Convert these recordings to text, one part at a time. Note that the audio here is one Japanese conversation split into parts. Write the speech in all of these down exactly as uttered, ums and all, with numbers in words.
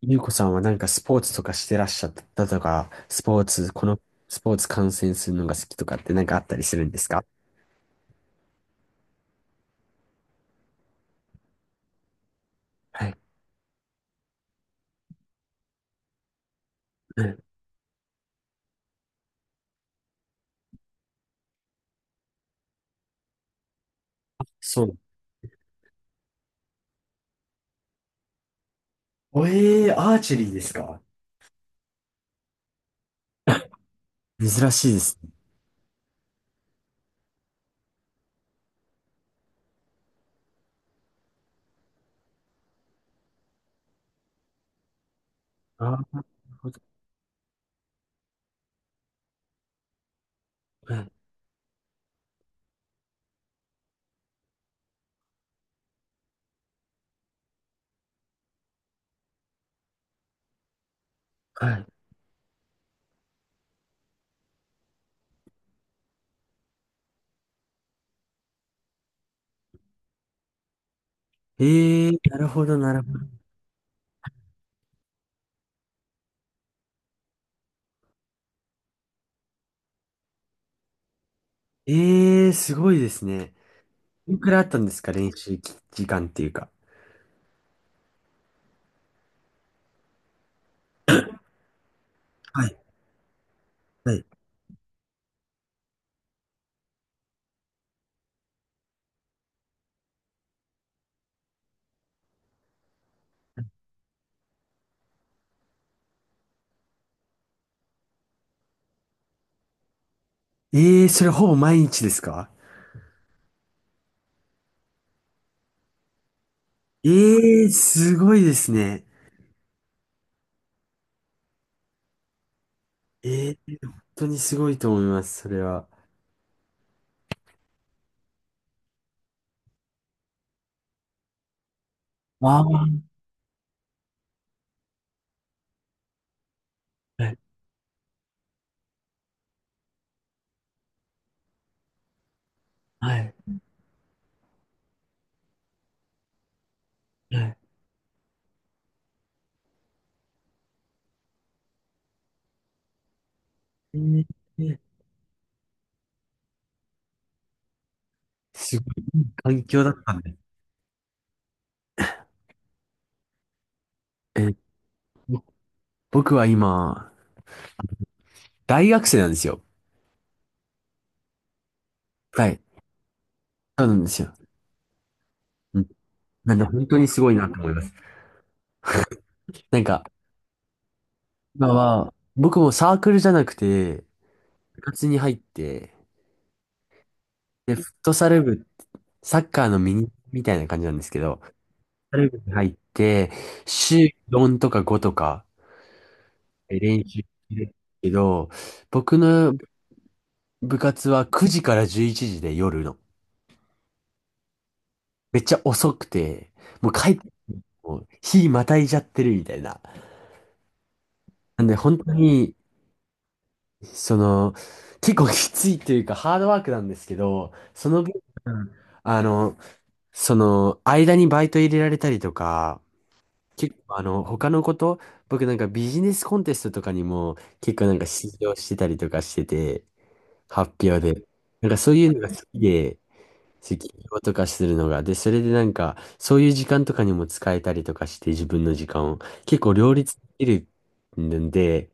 ゆうこさんはなんかスポーツとかしてらっしゃったとか、スポーツ、このスポーツ観戦するのが好きとかってなんかあったりするんですか？はい。うん。そう。おえー、アーチェリーですか？珍しいですね。あー、なるほど。うん。はい。えー、なるほど、なるほど。えー、すごいですね。いくらいあったんですか、練習時間っていうか。はい。はい。えー、それほぼ毎日ですか？えー、すごいですね。えー、本当にすごいと思います、それは。ああ。はいはい。はい。えーえーすごい環境だったんで。えーぼ僕は今、大学生なんですよ。はい。そうなんですよ。うん。なんで本当にすごいなと思います。なんか、今は、僕もサークルじゃなくて、部活に入って、で、フットサル部、サッカーのミニみたいな感じなんですけど、フットサル部に入って、週よんとかごとかえ練習してるけど、僕の部活はくじからじゅういちじで、夜の。めっちゃ遅くて、もう帰っても日またいじゃってるみたいな。なんで本当に、その、結構きついというかハードワークなんですけど、その分、あの、その、間にバイト入れられたりとか、結構あの、他のこと、僕なんかビジネスコンテストとかにも結構なんか出場してたりとかしてて、発表で。なんかそういうのが好きで、式場とかするのが。で、それでなんか、そういう時間とかにも使えたりとかして、自分の時間を。結構両立できるんで、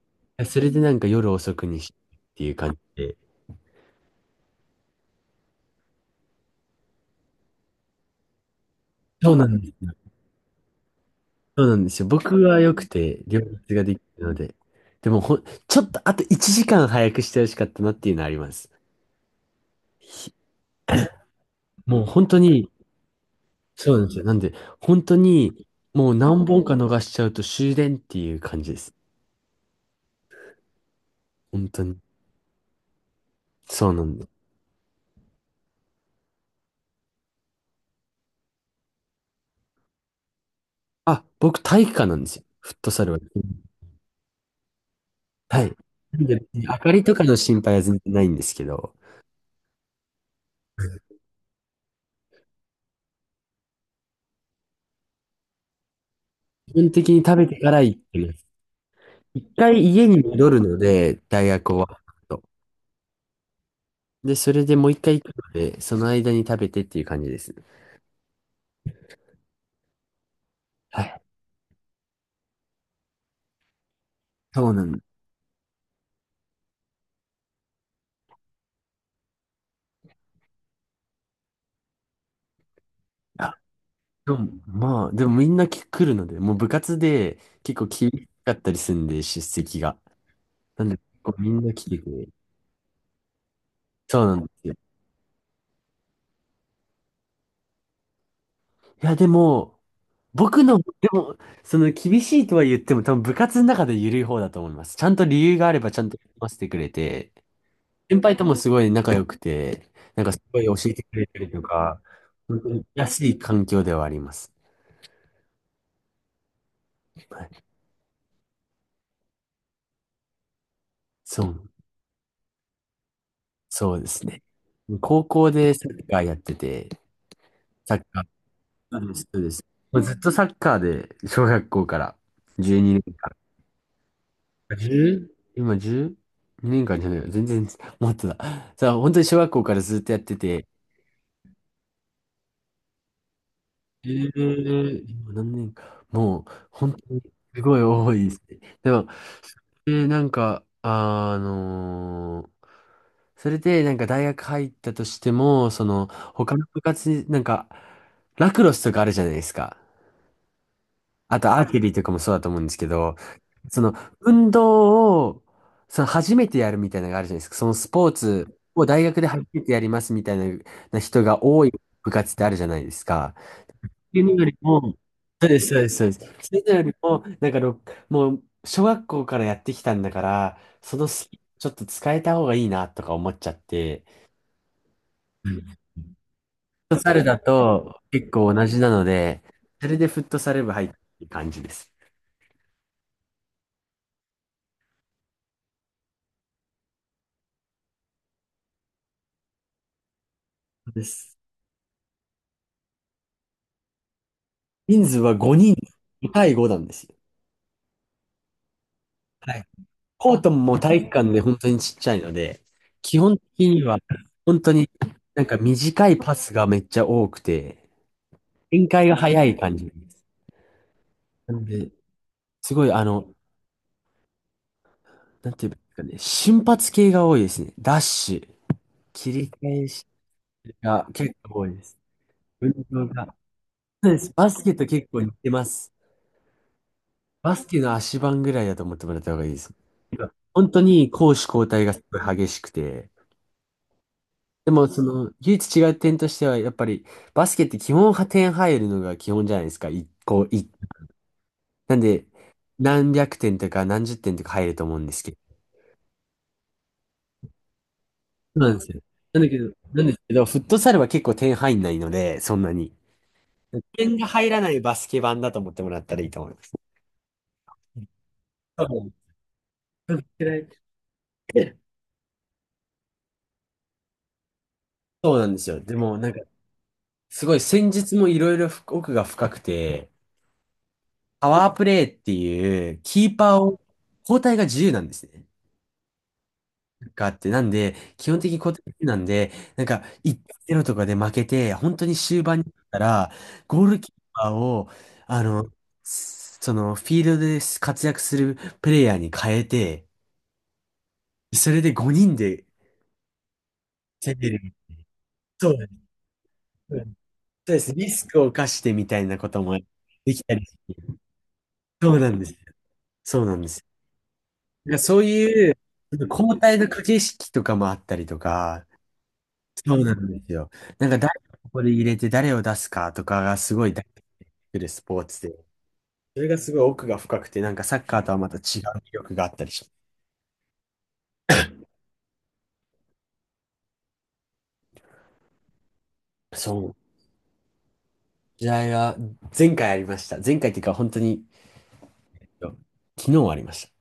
それでなんか夜遅くにしてっていう感じで。そうなんですよ。そうなんですよ。僕は良くて、両立ができるので。でもほん、ちょっとあといちじかん早くしてほしかったなっていうのはあります。ひもう本当に、そうなんですよ。なんで、本当に、もう何本か逃しちゃうと終電っていう感じです。本当に。そうなんです。あ、僕体育館なんですよ。フットサルは。はい。なんで、明かりとかの心配は全然ないんですけど、基本的に食べてから行ってます。一回家に戻るので、大学終わると。で、それでもう一回行くので、その間に食べてっていう感じですね。はい。そうなんだ。でも、まあ、でもみんな来るので、もう部活で結構厳しかったりするんで、出席が。なんで、結構みんな来てくれる。そうなんですよ。いや、でも、僕の、でも、その厳しいとは言っても、多分部活の中で緩い方だと思います。ちゃんと理由があればちゃんと読ませてくれて、先輩ともすごい仲良くて、なんかすごい教えてくれたりとか、本当に安い環境ではあります。はい。そう、そうですね。高校でサッカーやってて、サッカー、そうです、そうです。もうずっとサッカーで、小学校からじゅうにねんかん。いち、今 じゅう? にねんかんじゃないよ。全然、もっとだ。さあ、本当に小学校からずっとやってて、ええ今何年か。もう、本当に、すごい多いですね。でも、えーなんか、あのーそれで、なんか大学入ったとしても、その、他の部活に、なんか、ラクロスとかあるじゃないですか。あと、アーチェリーとかもそうだと思うんですけど、その、運動を、その、初めてやるみたいなのがあるじゃないですか。その、スポーツを大学で初めてやりますみたいな人が多い部活ってあるじゃないですか。っていうのよりも、そうです、そうです、そうです。それよりも、なんかろ、もう、小学校からやってきたんだから、そのスキルちょっと使えた方がいいなとか思っちゃって。うん。フットサルだと結構同じなので、それでフットサル部入ってる感じです。そうです。人数はごにん、ご対ごなんですよ。はい。コートももう体育館で本当にちっちゃいので、基本的には本当になんか短いパスがめっちゃ多くて、展開が早い感じです。なんで、すごい、あの、なんていうかね、瞬発系が多いですね。ダッシュ、切り返しが結構多いです。運動が。そうです。バスケと結構似てます。バスケの足盤ぐらいだと思ってもらった方がいいです。今本当に攻守交代がすごい激しくて、でもその、唯一違う点としては、やっぱりバスケって基本は点入るのが基本じゃないですか。一個、一。なんで、何百点とか何十点とか入ると思うんですけど、そうなんですよ。なんだけど、なんですけど、フットサルは結構点入んないので、そんなに。点が入らないバスケ版だと思ってもらったらいいと思います。多分嫌いそうなんですよ。でも、なんか、すごい戦術もいろいろ奥が深くて、パワープレイっていう、キーパーを、交代が自由なんですね。があって、なんで、基本的に固定なんで、なんか、いちたいぜろとかで負けて、本当に終盤になったら、ゴールキーパーを、あの、すその、フィールドで活躍するプレイヤーに変えて、それでごにんで攻める。そうです。そうです。リスクを冒してみたいなこともできたりして。そうなんです。そうなんです。なんからそういう、交代の駆け引きとかもあったりとか、そうなんですよ。なんか誰をここで入れて誰を出すかとかがすごい大事になってくるスポーツで、それがすごい奥が深くて、なんかサッカーとはまた違う魅力があったりします。そう。試合が前回ありました。前回っていうか本当に昨日ありました。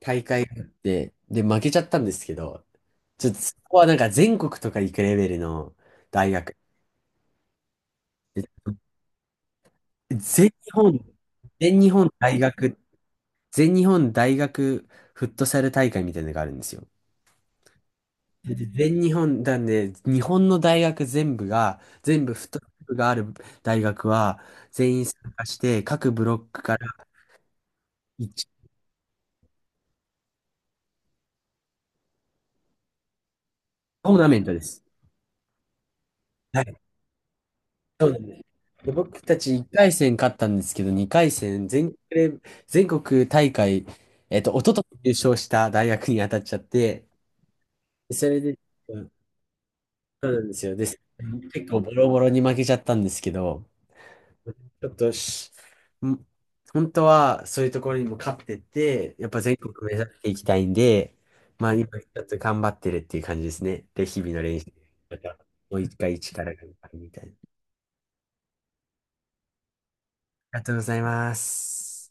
大会があって、で、負けちゃったんですけど、ちょっとそこはなんか全国とか行くレベルの大学。で、全日本、全日本大学、全日本大学フットサル大会みたいなのがあるんですよ。で全日本なんで、日本の大学全部が、全部フットサルがある大学は、全員参加して、各ブロックからいち、トーナメントです。はい。で、僕たちいっかいせん戦勝ったんですけど、にかいせん戦、全国、全国大会、えっと、一昨年優勝した大学に当たっちゃって、でそれで、うん、そうなんですよ。で、結構ボロボロに負けちゃったんですけど、ちょっとし、ん本当はそういうところにも勝ってって、やっぱ全国目指していきたいんで、まあ今ちょっと頑張ってるっていう感じですね。で、日々の練習。また、もう一回力があるみたいな。ありがとうございます。